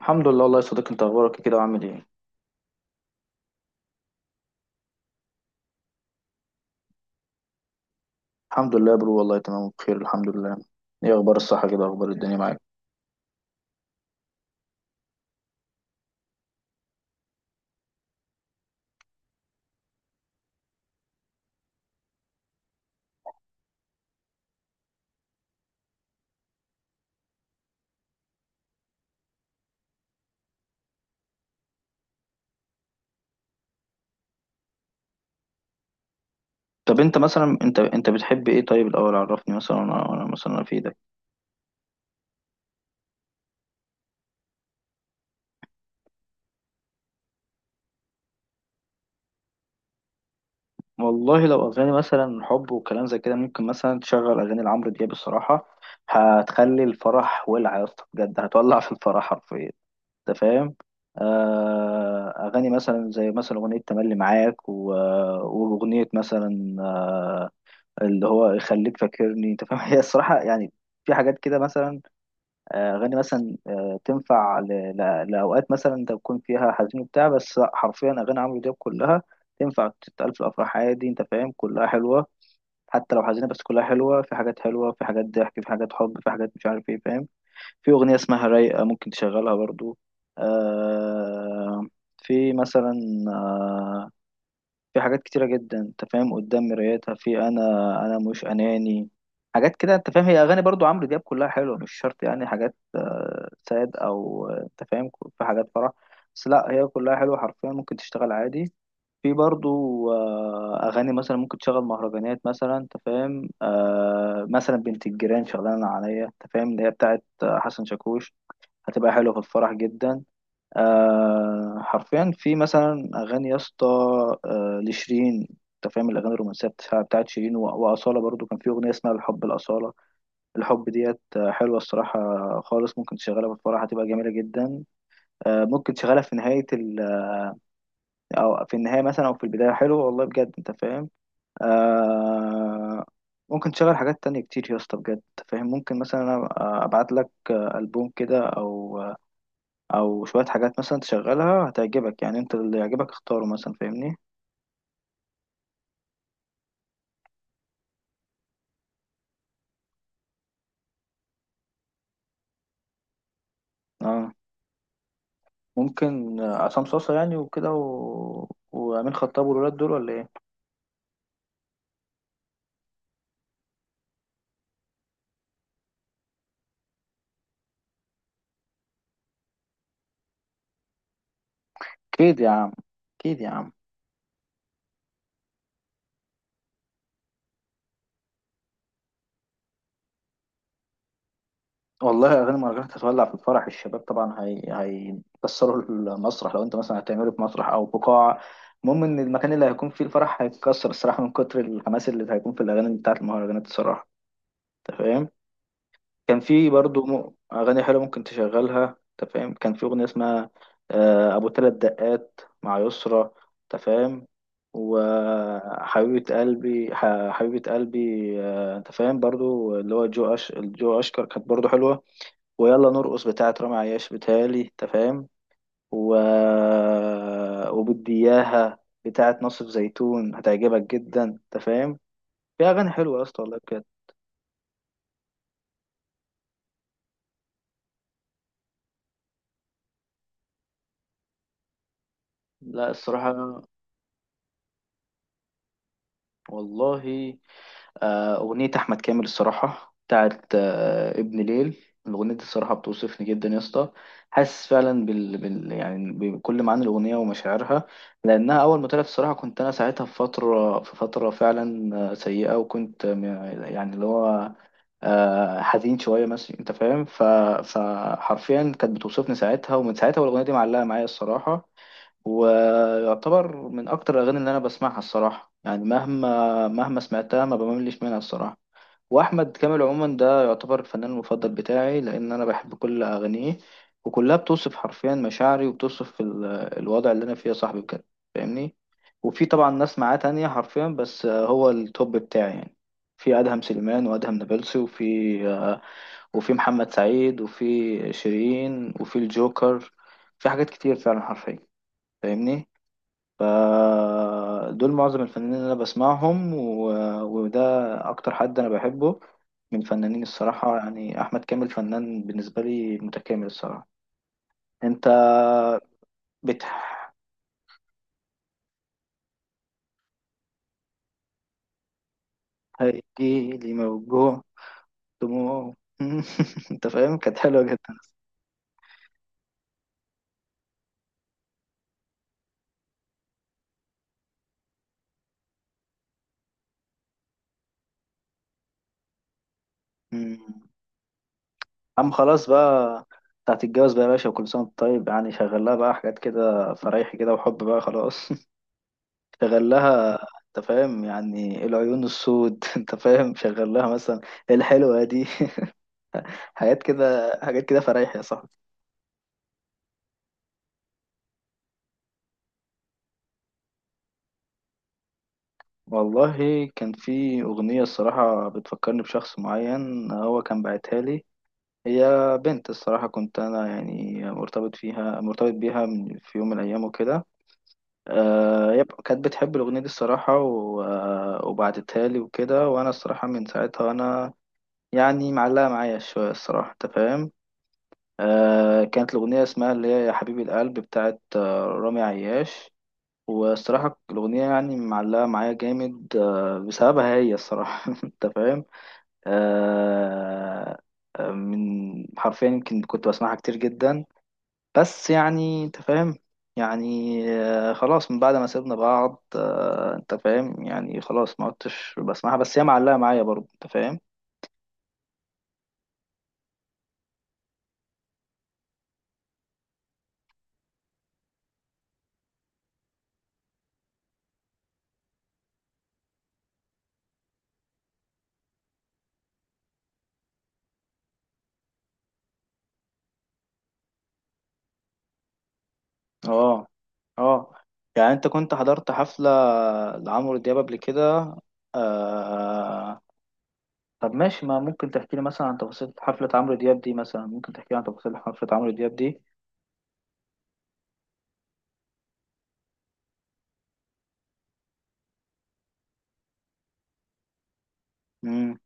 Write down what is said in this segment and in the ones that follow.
الحمد لله والله يا صديقي، انت اخبارك إيه كده وعامل ايه؟ الحمد لله يا برو، والله تمام بخير الحمد لله. ايه اخبار الصحه كده، اخبار الدنيا معاك؟ طب انت مثلا، انت بتحب ايه؟ طيب الاول عرفني مثلا، انا مثلا في ده. والله لو اغاني مثلا حب وكلام زي كده، ممكن مثلا تشغل اغاني لعمرو دياب الصراحه. هتخلي الفرح ولع يا اسطى، بجد هتولع في الفرح حرفيا. انت فاهم؟ اغاني مثلا زي مثلا اغنيه تملي معاك واغنيه مثلا. اللي هو يخليك فاكرني، انت فاهم؟ هي الصراحه يعني. في حاجات كده مثلا. اغاني مثلا تنفع لاوقات مثلا انت بتكون فيها حزين وبتاع، بس لأ، حرفيا اغاني عمرو دياب كلها تنفع تتقال في الافراح عادي، انت فاهم؟ كلها حلوه. حتى لو حزينه بس كلها حلوه، في حاجات حلوه، في حاجات ضحك، في حاجات حب، في حاجات مش عارف ايه، فاهم؟ في اغنيه اسمها رايقه ممكن تشغلها برضو. آه، في مثلا آه، في حاجات كتيرة جدا، انت فاهم؟ قدام مرايتها في انا. انا مش اناني. حاجات كده، انت فاهم؟ هي اغاني برضو عمرو دياب كلها حلوة، مش شرط يعني حاجات ساد او انت فاهم. في حاجات فرح. بس لا، هي كلها حلوة حرفيا، ممكن تشتغل عادي. في برضو اغاني مثلا ممكن تشغل مهرجانات مثلا، انت فاهم؟ مثلا بنت الجيران شغلانة عليا، انت فاهم؟ اللي هي بتاعت حسن شاكوش. هتبقى حلوة في الفرح جدا. حرفيا في مثلا اغاني يا اسطى، لشيرين. انت فاهم؟ الاغاني الرومانسيه بتاعت شيرين واصاله برضو، كان في اغنيه اسمها الحب الاصاله. الحب ديت حلوه الصراحه خالص، ممكن تشغلها في الفرح هتبقى جميله جدا. ممكن تشغلها في نهايه ال او في النهايه مثلا او في البدايه، حلو والله بجد، انت فاهم؟ آه ممكن تشغل حاجات تانية كتير يا اسطى، بجد انت فاهم؟ ممكن مثلا أنا ابعت لك البوم كده، او شويه حاجات مثلا تشغلها هتعجبك، يعني انت اللي يعجبك اختاره مثلا، فاهمني؟ اه، ممكن عصام صاصا يعني وكده وامين خطاب والولاد دول، ولا ايه؟ اكيد يا عم. اكيد يا عم. والله اغاني مهرجانات هتولع في الفرح، الشباب طبعا هي هيكسروا المسرح، لو انت مثلا هتعمله في مسرح او بقاعه. المهم ان المكان اللي هيكون فيه الفرح هيتكسر الصراحه، من كتر الحماس اللي هيكون في الاغاني بتاعت المهرجانات الصراحه. انت فاهم؟ كان في برضو أغاني حلوة ممكن تشغلها. أنت فاهم؟ كان في أغنية اسمها أبو تلات دقات مع يسرا، أنت فاهم؟ وحبيبة قلبي، حبيبة قلبي. أنت فاهم؟ برضو اللي هو جو أشكر كانت برضو حلوة. ويلا نرقص بتاعة رامي عياش، بتهيألي. أنت فاهم؟ و... وبدياها بتاعة نصف زيتون هتعجبك جدا، أنت فاهم؟ في أغاني حلوة يا اسطى، والله بجد. لا الصراحة، والله أغنية أحمد كامل، الصراحة بتاعت ابن ليل. الأغنية دي الصراحة بتوصفني جدا يا اسطى. حاسس فعلا يعني بكل معاني الأغنية ومشاعرها. لأنها أول ما طلعت الصراحة، كنت أنا ساعتها في فترة فعلا سيئة، وكنت يعني اللي هو حزين شوية مثلا، أنت فاهم؟ فحرفيا كانت بتوصفني ساعتها، ومن ساعتها والأغنية دي معلقة معايا الصراحة. ويعتبر من اكتر الاغاني اللي انا بسمعها الصراحه، يعني مهما سمعتها ما بملش منها الصراحه. واحمد كامل عموما ده يعتبر الفنان المفضل بتاعي، لان انا بحب كل اغانيه. وكلها بتوصف حرفيا مشاعري، وبتوصف الوضع اللي انا فيه يا صاحبي بجد. فاهمني؟ وفي طبعا ناس معاه تانية حرفيا، بس هو التوب بتاعي يعني. في ادهم سليمان وادهم نابلسي آه، وفي محمد سعيد وفي شيرين وفي الجوكر. في حاجات كتير فعلا حرفيا. فاهمني؟ فدول معظم الفنانين اللي انا بسمعهم، وده اكتر حد انا بحبه من فنانين الصراحة، يعني احمد كامل فنان بالنسبة لي متكامل الصراحة. انت بتحكي لي موجوع دموع. انت فاهم؟ كانت حلوة جدا. مم. عم خلاص بقى، بتاعت الجواز بقى يا باشا، وكل سنة وأنت طيب، يعني شغل لها بقى حاجات كده فرايحي كده وحب بقى خلاص. شغل لها، انت فاهم يعني إيه العيون السود؟ انت فاهم؟ شغل لها مثلا إيه الحلوة دي؟ حاجات كده، حاجات كده فرايح يا صاحبي. والله كان في أغنية الصراحة بتفكرني بشخص معين، هو كان باعتها لي. هي بنت الصراحة، كنت أنا يعني مرتبط بيها في يوم من الأيام وكده. هي كانت بتحب الأغنية دي الصراحة وبعتتها لي وكده، وأنا الصراحة من ساعتها وأنا يعني معلقة معايا شوية الصراحة، أنت فاهم؟ كانت الأغنية اسمها اللي هي يا حبيبي القلب بتاعت رامي عياش. والصراحة الأغنية يعني معلقة معايا جامد، بسببها هي الصراحة. أنت فاهم؟ آه آه، من حرفيا يمكن كنت بسمعها كتير جدا. بس يعني أنت فاهم. يعني خلاص من بعد ما سيبنا بعض، أنت فاهم؟ يعني خلاص ما عدتش بسمعها، بس هي معلقة معايا برضه، أنت فاهم؟ اه. اه. يعني انت كنت حضرت حفلة لعمرو دياب قبل كده؟ آه... طب ماشي، ما ممكن تحكي لي مثلا عن تفاصيل حفلة عمرو دياب دي؟ مثلا ممكن تحكي لي عن تفاصيل حفلة عمرو دياب دي. امم.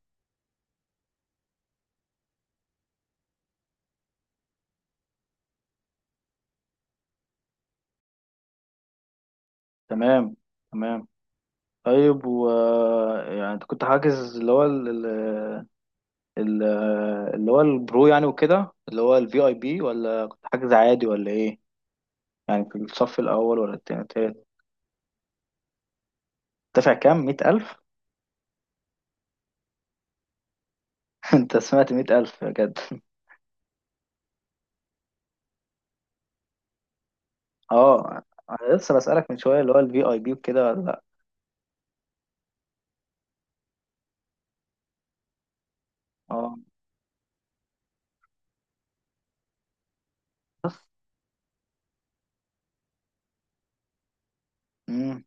تمام. تمام. طيب و يعني انت كنت حاجز اللي هو ال- اللي هو البرو يعني وكده، اللي هو الفي اي بي، ولا كنت حاجز عادي ولا ايه؟ يعني في الصف الاول ولا التاني التالت؟ دافع كام؟ مئة ألف؟ انت سمعت مئة ألف بجد؟ اه، انا لسه بسألك من شوية اللي هو الفي اي بي وكده، ولا لا؟ اه. بس. امم.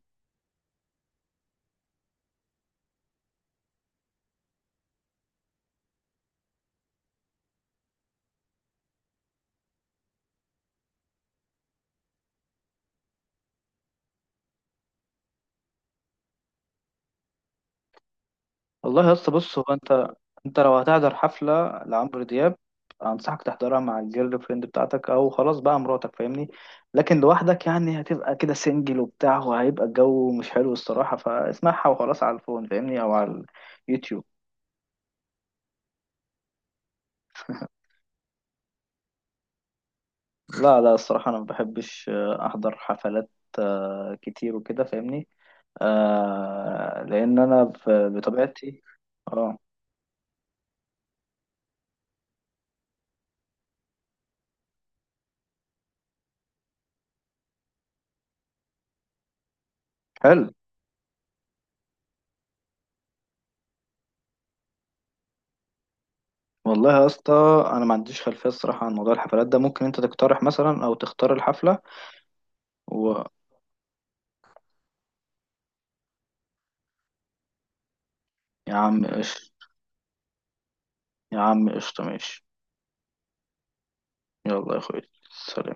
والله يا اسطى، بص هو انت لو هتحضر حفلة لعمرو دياب، انصحك تحضرها مع الجيرل فريند بتاعتك، او خلاص بقى مراتك. فاهمني؟ لكن لوحدك يعني هتبقى كده سنجل وبتاع، وهيبقى الجو مش حلو الصراحة، فاسمعها وخلاص على الفون، فاهمني؟ او على اليوتيوب. لا، لا، الصراحة انا ما بحبش احضر حفلات كتير وكده، فاهمني؟ لان انا بطبيعتي. اه. حلو والله يا اسطى، انا ما عنديش خلفيه الصراحه عن موضوع الحفلات ده، ممكن انت تقترح مثلا او تختار الحفله و يا عم قشطه. يا عم قشطه، ماشي. يلا يا اخوي. سلام.